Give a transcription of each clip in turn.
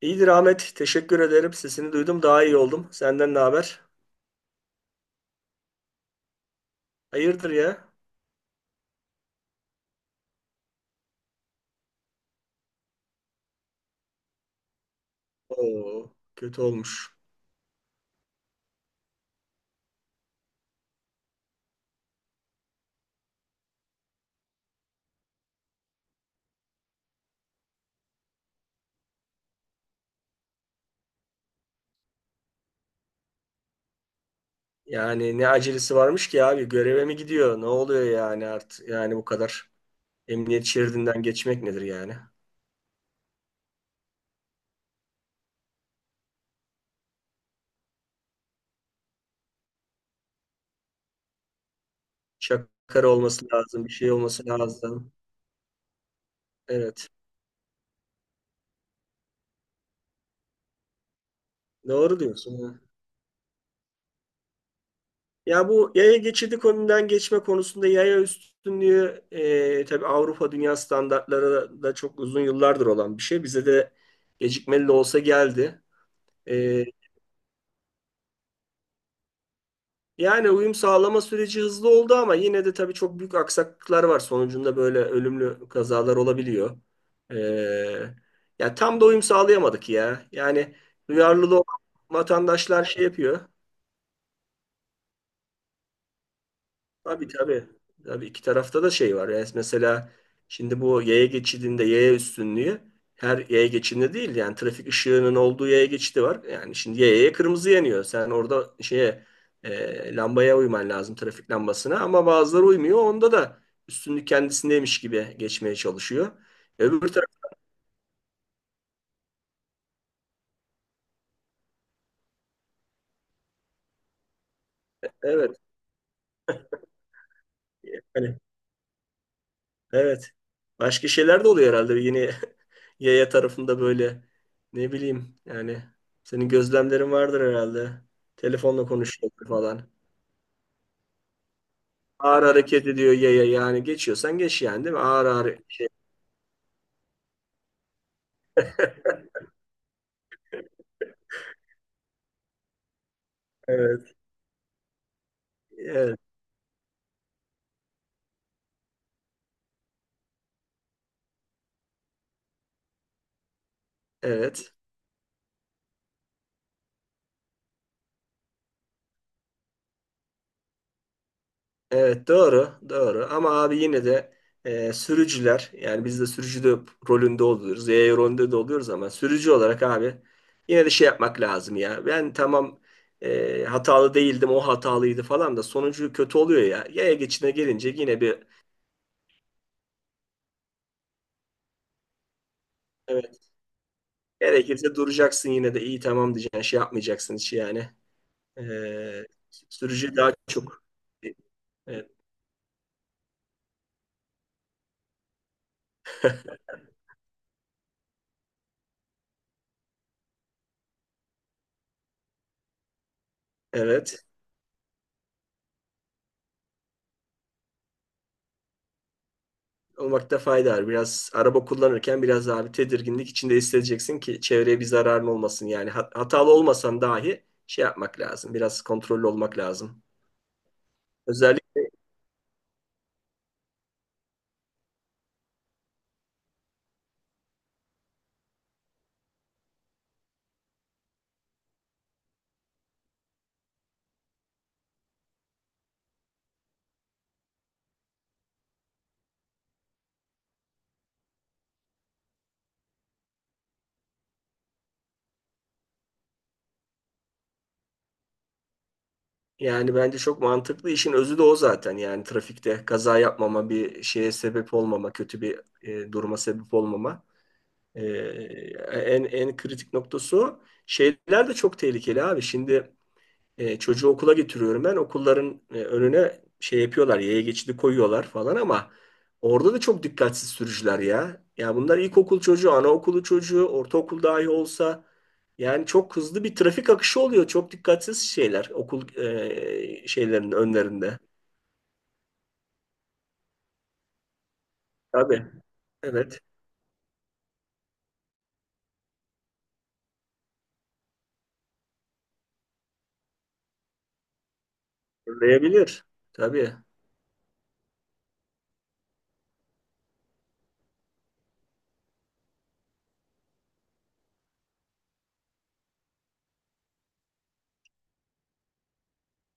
İyidir Ahmet. Teşekkür ederim. Sesini duydum. Daha iyi oldum. Senden ne haber? Hayırdır ya? Oo, kötü olmuş. Yani ne acelesi varmış ki abi? Göreve mi gidiyor? Ne oluyor yani artık? Yani bu kadar emniyet şeridinden geçmek nedir yani? Şakara olması lazım. Bir şey olması lazım. Evet. Doğru diyorsun. Ha. Ya bu yaya geçidi konudan geçme konusunda yaya üstünlüğü tabii Avrupa dünya standartları da çok uzun yıllardır olan bir şey. Bize de gecikmeli de olsa geldi. Ee, Yani uyum sağlama süreci hızlı oldu ama yine de tabii çok büyük aksaklıklar var. Sonucunda böyle ölümlü kazalar olabiliyor. Ee, Ya tam da uyum sağlayamadık ya. Yani duyarlılığı olan vatandaşlar şey yapıyor. Tabii tabii. Tabii iki tarafta da şey var. Yani mesela şimdi bu yaya geçidinde yaya üstünlüğü her yaya geçidinde değil, yani trafik ışığının olduğu yaya geçidi var. Yani şimdi yayaya kırmızı yanıyor. Sen orada şeye lambaya uyman lazım, trafik lambasına, ama bazıları uymuyor. Onda da üstünlük kendisindeymiş gibi geçmeye çalışıyor. Öbür taraf evet. Yani evet. Başka şeyler de oluyor herhalde. Yine yaya tarafında böyle ne bileyim yani, senin gözlemlerin vardır herhalde. Telefonla konuşuyor falan. Ağır hareket ediyor yaya, yani geçiyorsan geç, yani değil mi? Ağır ağır şey. Evet. Evet. Evet. Evet, doğru doğru, ama abi yine de sürücüler, yani biz de sürücü de rolünde oluyoruz. Yaya rolünde de oluyoruz, ama sürücü olarak abi yine de şey yapmak lazım ya. Ben tamam, hatalı değildim, o hatalıydı falan, da sonucu kötü oluyor ya. Yaya geçidine gelince yine bir evet, gerekirse duracaksın, yine de iyi tamam diyeceksin, şey yapmayacaksın hiç yani. E, Sürücü daha çok. Evet. Evet. Olmakta fayda var. Biraz araba kullanırken biraz daha bir tedirginlik içinde hissedeceksin ki çevreye bir zararın olmasın. Yani hatalı olmasan dahi şey yapmak lazım. Biraz kontrollü olmak lazım. Özellikle yani bence çok mantıklı. İşin özü de o zaten. Yani trafikte kaza yapmama, bir şeye sebep olmama, kötü bir duruma sebep olmama. E, en en kritik noktası o. Şeyler de çok tehlikeli abi. Şimdi çocuğu okula getiriyorum ben. Okulların önüne şey yapıyorlar, yaya geçidi koyuyorlar falan, ama orada da çok dikkatsiz sürücüler ya. Ya bunlar ilkokul çocuğu, anaokulu çocuğu, ortaokul dahi olsa yani çok hızlı bir trafik akışı oluyor. Çok dikkatsiz şeyler okul şeylerinin önlerinde. Tabii, evet. Fırlayabilir. Tabii.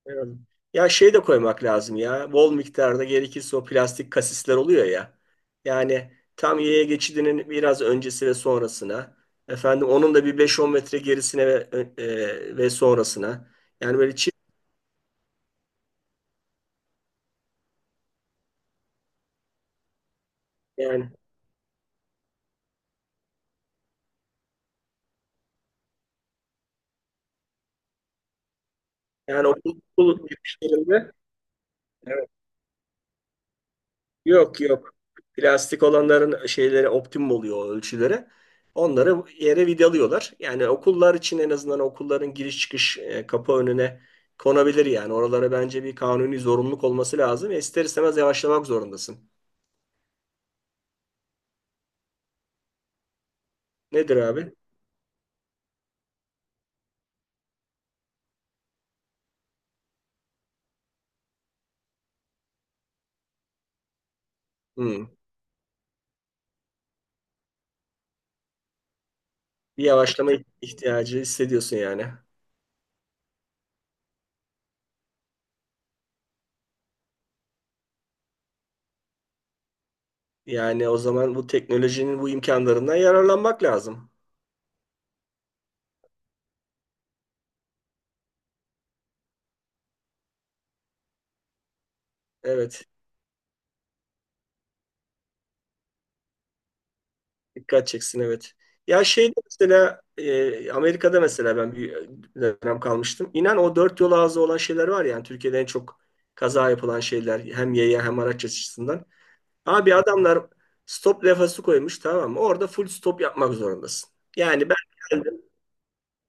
Evet. Ya şey de koymak lazım ya. Bol miktarda gerekirse o plastik kasisler oluyor ya. Yani tam yaya geçidinin biraz öncesi ve sonrasına. Efendim onun da bir 5-10 metre gerisine ve sonrasına. Yani böyle çift yani yani okul girişlerinde. Yok yok. Plastik olanların şeyleri optimum oluyor, o ölçüleri. Onları yere vidalıyorlar. Yani okullar için en azından okulların giriş çıkış kapı önüne konabilir yani. Oralara bence bir kanuni zorunluluk olması lazım ve ister istemez yavaşlamak zorundasın. Nedir abi? Hmm. Bir yavaşlama ihtiyacı hissediyorsun yani. Yani o zaman bu teknolojinin bu imkanlarından yararlanmak lazım. Evet. Dikkat çeksin, evet. Ya şeyde mesela Amerika'da mesela ben bir dönem kalmıştım. İnan o dört yol ağzı olan şeyler var ya, yani Türkiye'de en çok kaza yapılan şeyler, hem yaya hem araç açısından. Abi adamlar stop levhası koymuş, tamam mı? Orada full stop yapmak zorundasın. Yani ben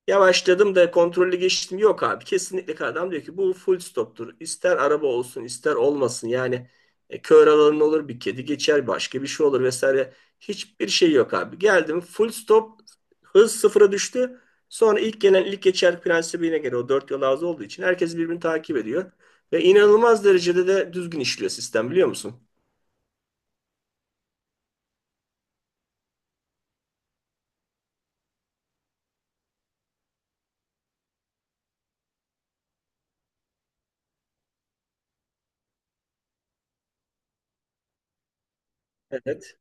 yavaşladım da kontrollü geçtim. Yok abi, kesinlikle adam diyor ki bu full stoptur. İster araba olsun ister olmasın. Yani kör alanın olur, bir kedi geçer, başka bir şey olur vesaire. Hiçbir şey yok abi. Geldim, full stop, hız sıfıra düştü. Sonra ilk gelen ilk geçer prensibine göre, o dört yol ağzı olduğu için herkes birbirini takip ediyor. Ve inanılmaz derecede de düzgün işliyor sistem, biliyor musun? Evet.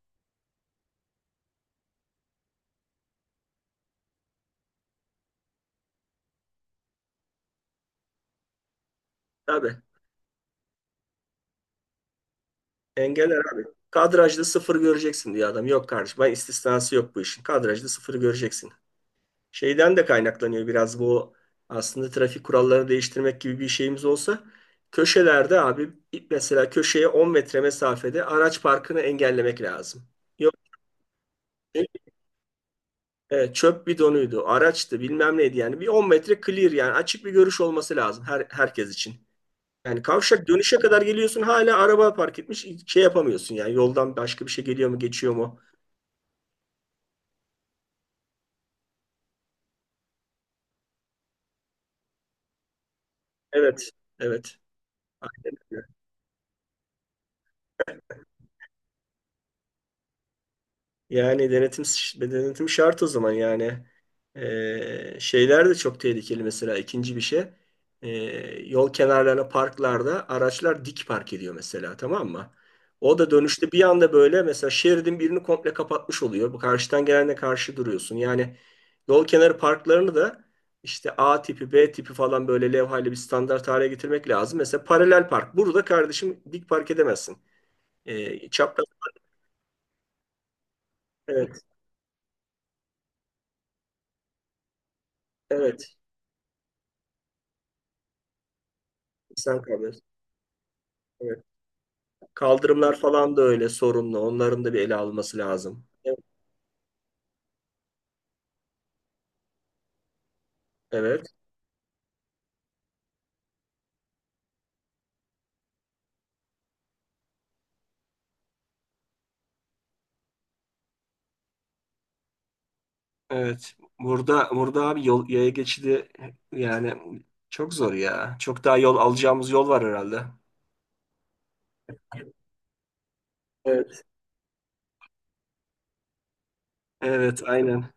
Tabii. Engeller abi. Kadrajda sıfır göreceksin diyor adam. Yok kardeşim. Ben, istisnası yok bu işin. Kadrajda sıfır göreceksin. Şeyden de kaynaklanıyor biraz bu, aslında trafik kurallarını değiştirmek gibi bir şeyimiz olsa, köşelerde abi, mesela köşeye 10 metre mesafede araç parkını engellemek lazım. Yok çöp bidonuydu, araçtı, bilmem neydi, yani bir 10 metre clear, yani açık bir görüş olması lazım herkes için. Yani kavşak dönüşe kadar geliyorsun, hala araba park etmiş, şey yapamıyorsun, yani yoldan başka bir şey geliyor mu, geçiyor mu? Evet, evet. Aynen. Yani denetim, denetim şart o zaman yani. Şeyler de çok tehlikeli mesela, ikinci bir şey. Ee, Yol kenarlarına, parklarda araçlar dik park ediyor mesela, tamam mı? O da dönüşte bir anda böyle mesela şeridin birini komple kapatmış oluyor. Bu karşıdan gelenle karşı duruyorsun. Yani yol kenarı parklarını da işte A tipi, B tipi falan böyle levhayla bir standart hale getirmek lazım. Mesela paralel park. Burada kardeşim dik park edemezsin. Çapraz. Evet, evet. Sen kalıyorsun. Kaldırımlar falan da öyle sorunlu. Onların da bir ele alınması lazım. Evet. Evet. Evet. Burada, burada abi yol, yaya geçidi yani çok zor ya. Çok daha yol alacağımız yol var herhalde. Evet. Evet, aynen.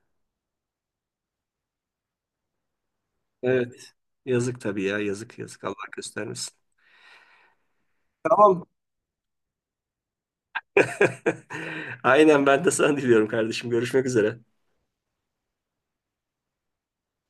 Evet. Yazık tabii ya. Yazık yazık. Allah göstermesin. Tamam. Aynen, ben de sana diliyorum kardeşim. Görüşmek üzere.